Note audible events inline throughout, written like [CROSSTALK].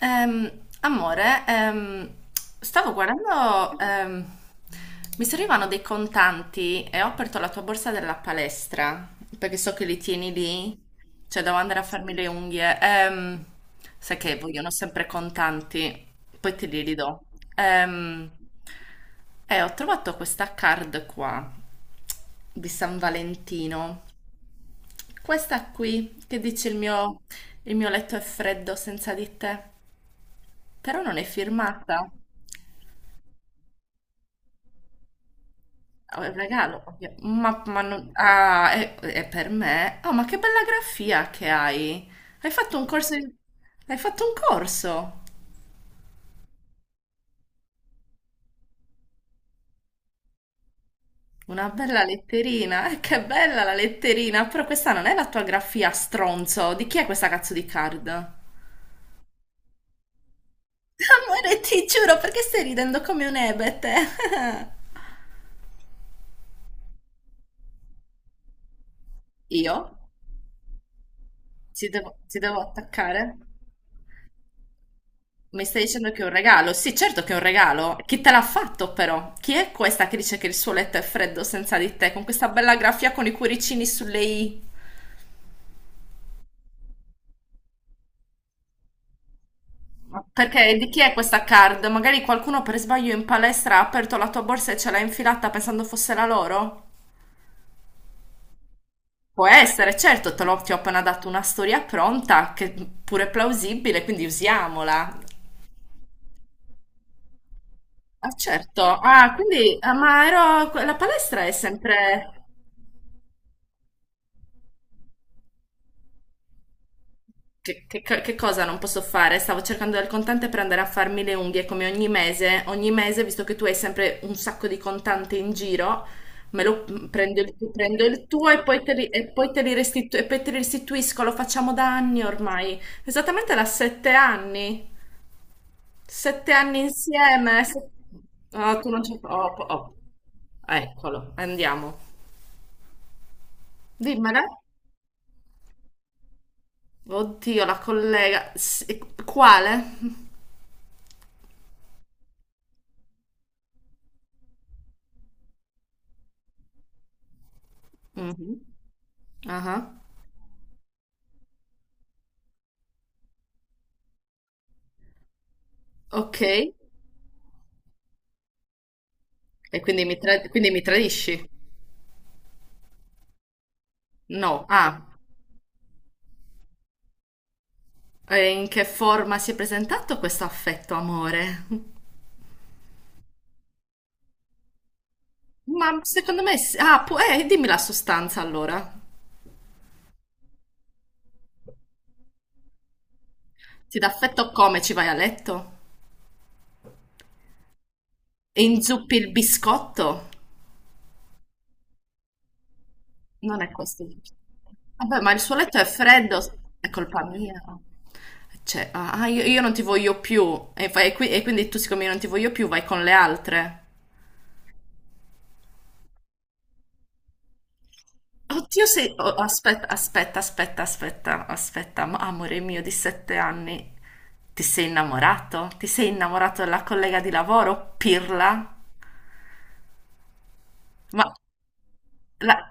Ehm, amore, stavo guardando, mi servivano dei contanti e ho aperto la tua borsa della palestra, perché so che li tieni lì, cioè devo andare a farmi le unghie. Sai che vogliono sempre contanti, poi te li ridò. Ehm, e ho trovato questa card qua di San Valentino, questa qui che dice il mio letto è freddo senza di te. Però non è firmata. Ah, è un regalo, ovvio. Ma non- Ah, è per me. Oh, ma che bella grafia che hai. Hai fatto un corso di... Hai fatto un corso. Una bella letterina. Che bella la letterina. Però questa non è la tua grafia, stronzo. Di chi è questa cazzo di card? [LAUGHS] Amore, ti giuro, perché stai ridendo come un ebete? [LAUGHS] Io? Ti devo attaccare? Mi stai dicendo che è un regalo? Sì, certo che è un regalo. Chi te l'ha fatto però? Chi è questa che dice che il suo letto è freddo senza di te, con questa bella grafia con i cuoricini sulle i? Perché di chi è questa card? Magari qualcuno per sbaglio in palestra ha aperto la tua borsa e ce l'ha infilata pensando fosse la loro? Può essere, certo, ti ho appena dato una storia pronta, che pure è plausibile, quindi usiamola. Ah, certo. Ah, quindi, ah, ma ero, la palestra è sempre... Che cosa non posso fare? Stavo cercando del contante per andare a farmi le unghie come ogni mese. Ogni mese, visto che tu hai sempre un sacco di contante in giro, me lo prendo il tuo e e poi te li restitu- e poi te li restituisco. Lo facciamo da anni ormai. Esattamente da 7 anni. 7 anni insieme. Ah, tu non c'è. Oh, oh. Eccolo, andiamo. Dimmela. Oddio, la collega. Quale? Mhm. Ah. Ok, e quindi mi tradisci? No. Ah, e in che forma si è presentato questo affetto, amore? Ma secondo me... Ah, dimmi la sostanza allora. Ti dà affetto come? Ci vai a letto? E inzuppi il biscotto? Non è questo. Vabbè, ma il suo letto è freddo, è colpa mia. Cioè, ah, ah, io non ti voglio più. E, e quindi tu, siccome io non ti voglio più, vai con le altre. Oddio, se... oh, aspetta, aspetta, aspetta, aspetta, aspetta, ma- amore mio di 7 anni, ti sei innamorato? Ti sei innamorato della collega di lavoro, pirla? Ma, la-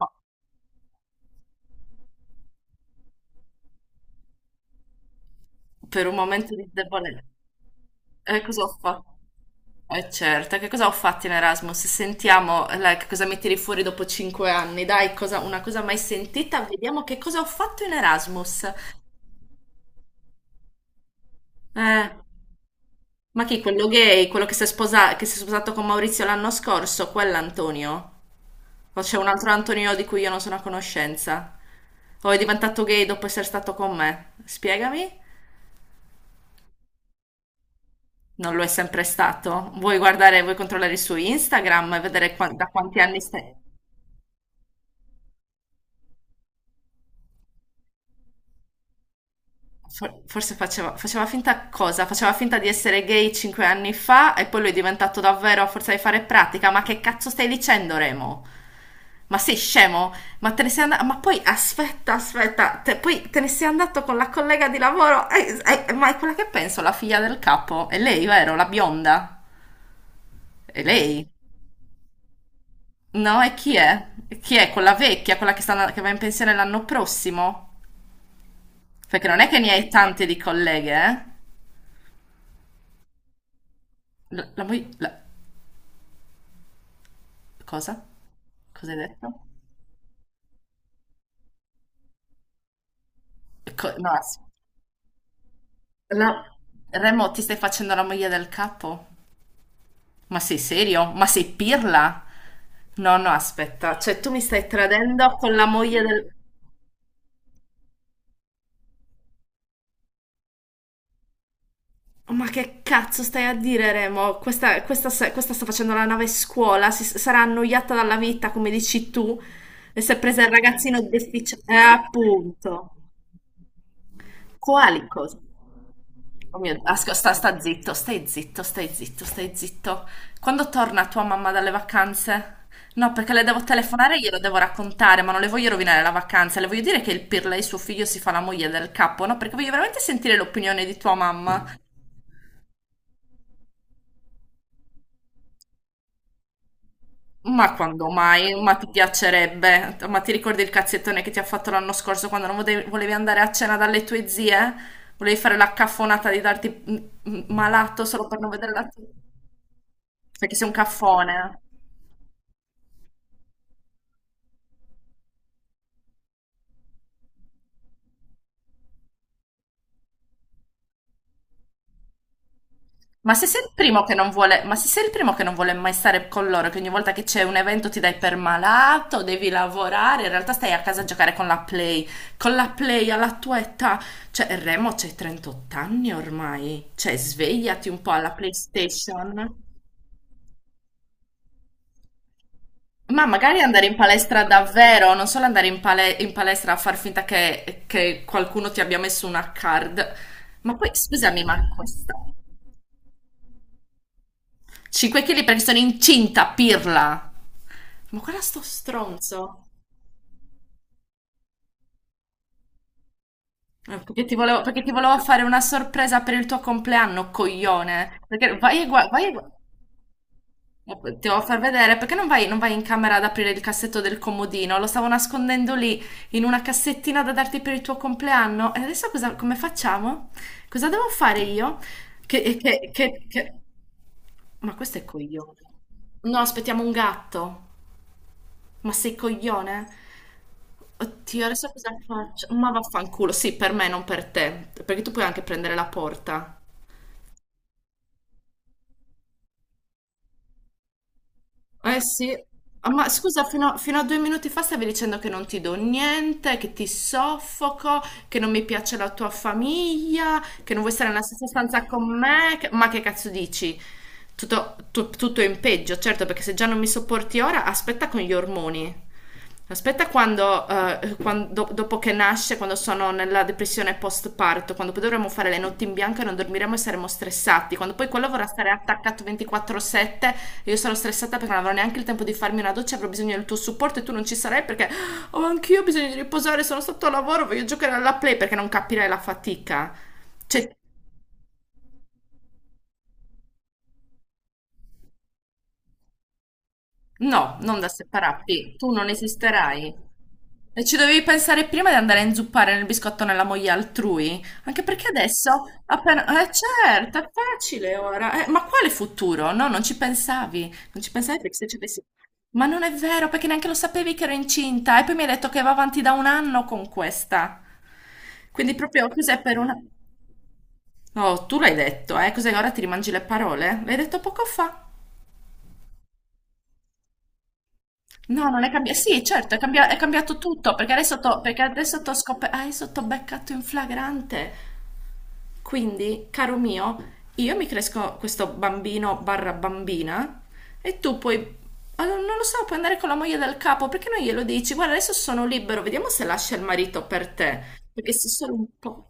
ma per un momento di debolezza, cosa ho fatto? Eh certo, che cosa ho fatto in Erasmus? Sentiamo, che cosa mi tiri fuori dopo 5 anni, dai, cosa- una cosa mai sentita, vediamo che cosa ho fatto in Erasmus. Eh, ma chi, quello gay, quello che si è che si è sposato con Maurizio l'anno scorso, quell'Antonio? O c'è un altro Antonio di cui io non sono a conoscenza. O è diventato gay dopo essere stato con me. Spiegami? Non lo è sempre stato. Vuoi guardare, vuoi controllare il suo Instagram e vedere da quanti anni stai... Forse faceva finta cosa? Faceva finta di essere gay 5 anni fa e poi lo è diventato davvero a forza di fare pratica. Ma che cazzo stai dicendo, Remo? Ma sei scemo? Ma te ne sei andato? Ma poi aspetta, aspetta, poi te ne sei andato con la collega di lavoro? Ma è quella che penso, la figlia del capo? È lei, vero? La bionda? È lei? No, e chi è? Chi è? Quella vecchia, quella che va in pensione l'anno prossimo? Perché non è che ne hai tante di colleghe, eh? La, la moglie- la- cosa? Cosa hai detto? No, la- Remo, ti stai facendo la moglie del capo? Ma sei serio? Ma sei pirla? No, no, aspetta, cioè tu mi stai tradendo con la moglie del... Oh, ma che cazzo stai a dire, Remo? Questa sta facendo la nave scuola, si, sarà annoiata dalla vita, come dici tu, e si è presa il ragazzino di appunto. Quali cose? Sta zitto, stai zitto, stai zitto, stai zitto. Quando torna tua mamma dalle vacanze? No, perché le devo telefonare e glielo devo raccontare, ma non le voglio rovinare la vacanza. Le voglio dire che il Pirla e suo figlio si fa la moglie del capo, no? Perché voglio veramente sentire l'opinione di tua mamma. Ma quando mai? Ma ti piacerebbe? Ma ti ricordi il cazzettone che ti ha fatto l'anno scorso quando non volevi andare a cena dalle tue zie? Volevi fare la caffonata di darti malato solo per non vedere la tua... Perché sei un caffone. Eh. Ma se sei il primo che non vuole, ma se sei il primo che non vuole mai stare con loro, che ogni volta che c'è un evento ti dai per malato, devi lavorare, in realtà stai a casa a giocare con la Play. Con la Play alla tua età, cioè Remo c'hai 38 anni ormai, cioè svegliati un po' alla PlayStation. Ma magari andare in palestra davvero, non solo andare in, in palestra a far finta che qualcuno ti abbia messo una card. Ma poi, scusami, ma questa 5 kg perché sono incinta, pirla. Ma guarda sto stronzo. Perché ti volevo fare una sorpresa per il tuo compleanno, coglione. Perché vai e gua- Ti devo far vedere, perché non vai in camera ad aprire il cassetto del comodino? Lo stavo nascondendo lì in una cassettina da darti per il tuo compleanno. E adesso cosa, come facciamo? Cosa devo fare io? Che, che, che, che... Ma questo è coglione. No, aspettiamo un gatto. Ma sei coglione? Oddio, adesso cosa faccio? Ma vaffanculo, sì, per me, non per te, perché tu puoi anche prendere la porta. Eh sì, ah, ma scusa, fino a 2 minuti fa stavi dicendo che non ti do niente, che ti soffoco, che non mi piace la tua famiglia, che non vuoi stare nella stessa stanza con me, che- ma che cazzo dici? Tutto in peggio, certo, perché se già non mi sopporti ora, aspetta con gli ormoni. Aspetta quando, dopo che nasce, quando sono nella depressione post-parto, quando poi dovremo fare le notti in bianco e non dormiremo e saremo stressati, quando poi quello vorrà stare attaccato 24/7 io sarò stressata perché non avrò neanche il tempo di farmi una doccia, avrò bisogno del tuo supporto e tu non ci sarai perché oh, anch'io ho bisogno di riposare, sono stato a lavoro, voglio giocare alla play perché non capirai la fatica. Cioè, no, non da separarti, tu non esisterai. E ci dovevi pensare prima di andare a inzuppare nel biscotto nella moglie altrui? Anche perché adesso, appena... Eh certo, è facile ora. Ma quale futuro? No, non ci pensavi. Non ci pensavi perché se ci avessi... Ma non è vero, perché neanche lo sapevi che ero incinta. E poi mi hai detto che va avanti da un anno con questa. Quindi proprio cos'è per una... Oh, tu l'hai detto, eh? Cos'è? Ora ti rimangi le parole? L'hai detto poco fa. No, non è cambiato. Sì, certo, è cambiato tutto perché adesso t'ho scop- adesso t'ho beccato in flagrante. Quindi, caro mio, io mi cresco questo bambino barra bambina e tu puoi, ah, non lo so, puoi andare con la moglie del capo perché non glielo dici? Guarda, adesso sono libero, vediamo se lascia il marito per te. Perché sei solo un po'.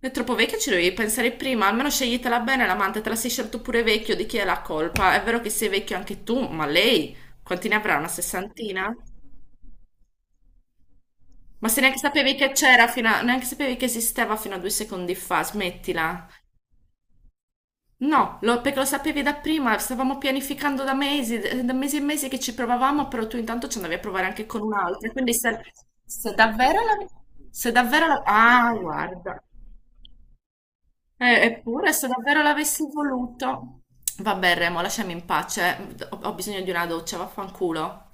È troppo vecchia, ci dovevi pensare prima. Almeno sceglitela bene l'amante, te la sei scelto pure vecchio, di chi è la colpa? È vero che sei vecchio anche tu, ma lei quanti ne avrà? Una sessantina? Ma se neanche sapevi che c'era fino a... neanche sapevi che esisteva fino a 2 secondi fa, smettila. No, perché lo sapevi da prima, stavamo pianificando da mesi e mesi che ci provavamo, però tu intanto ci andavi a provare anche con un'altra. Quindi se, se davvero la... se davvero la... Ah, guarda. Eppure, se davvero l'avessi voluto... Vabbè, Remo, lasciami in pace. Ho bisogno di una doccia, vaffanculo.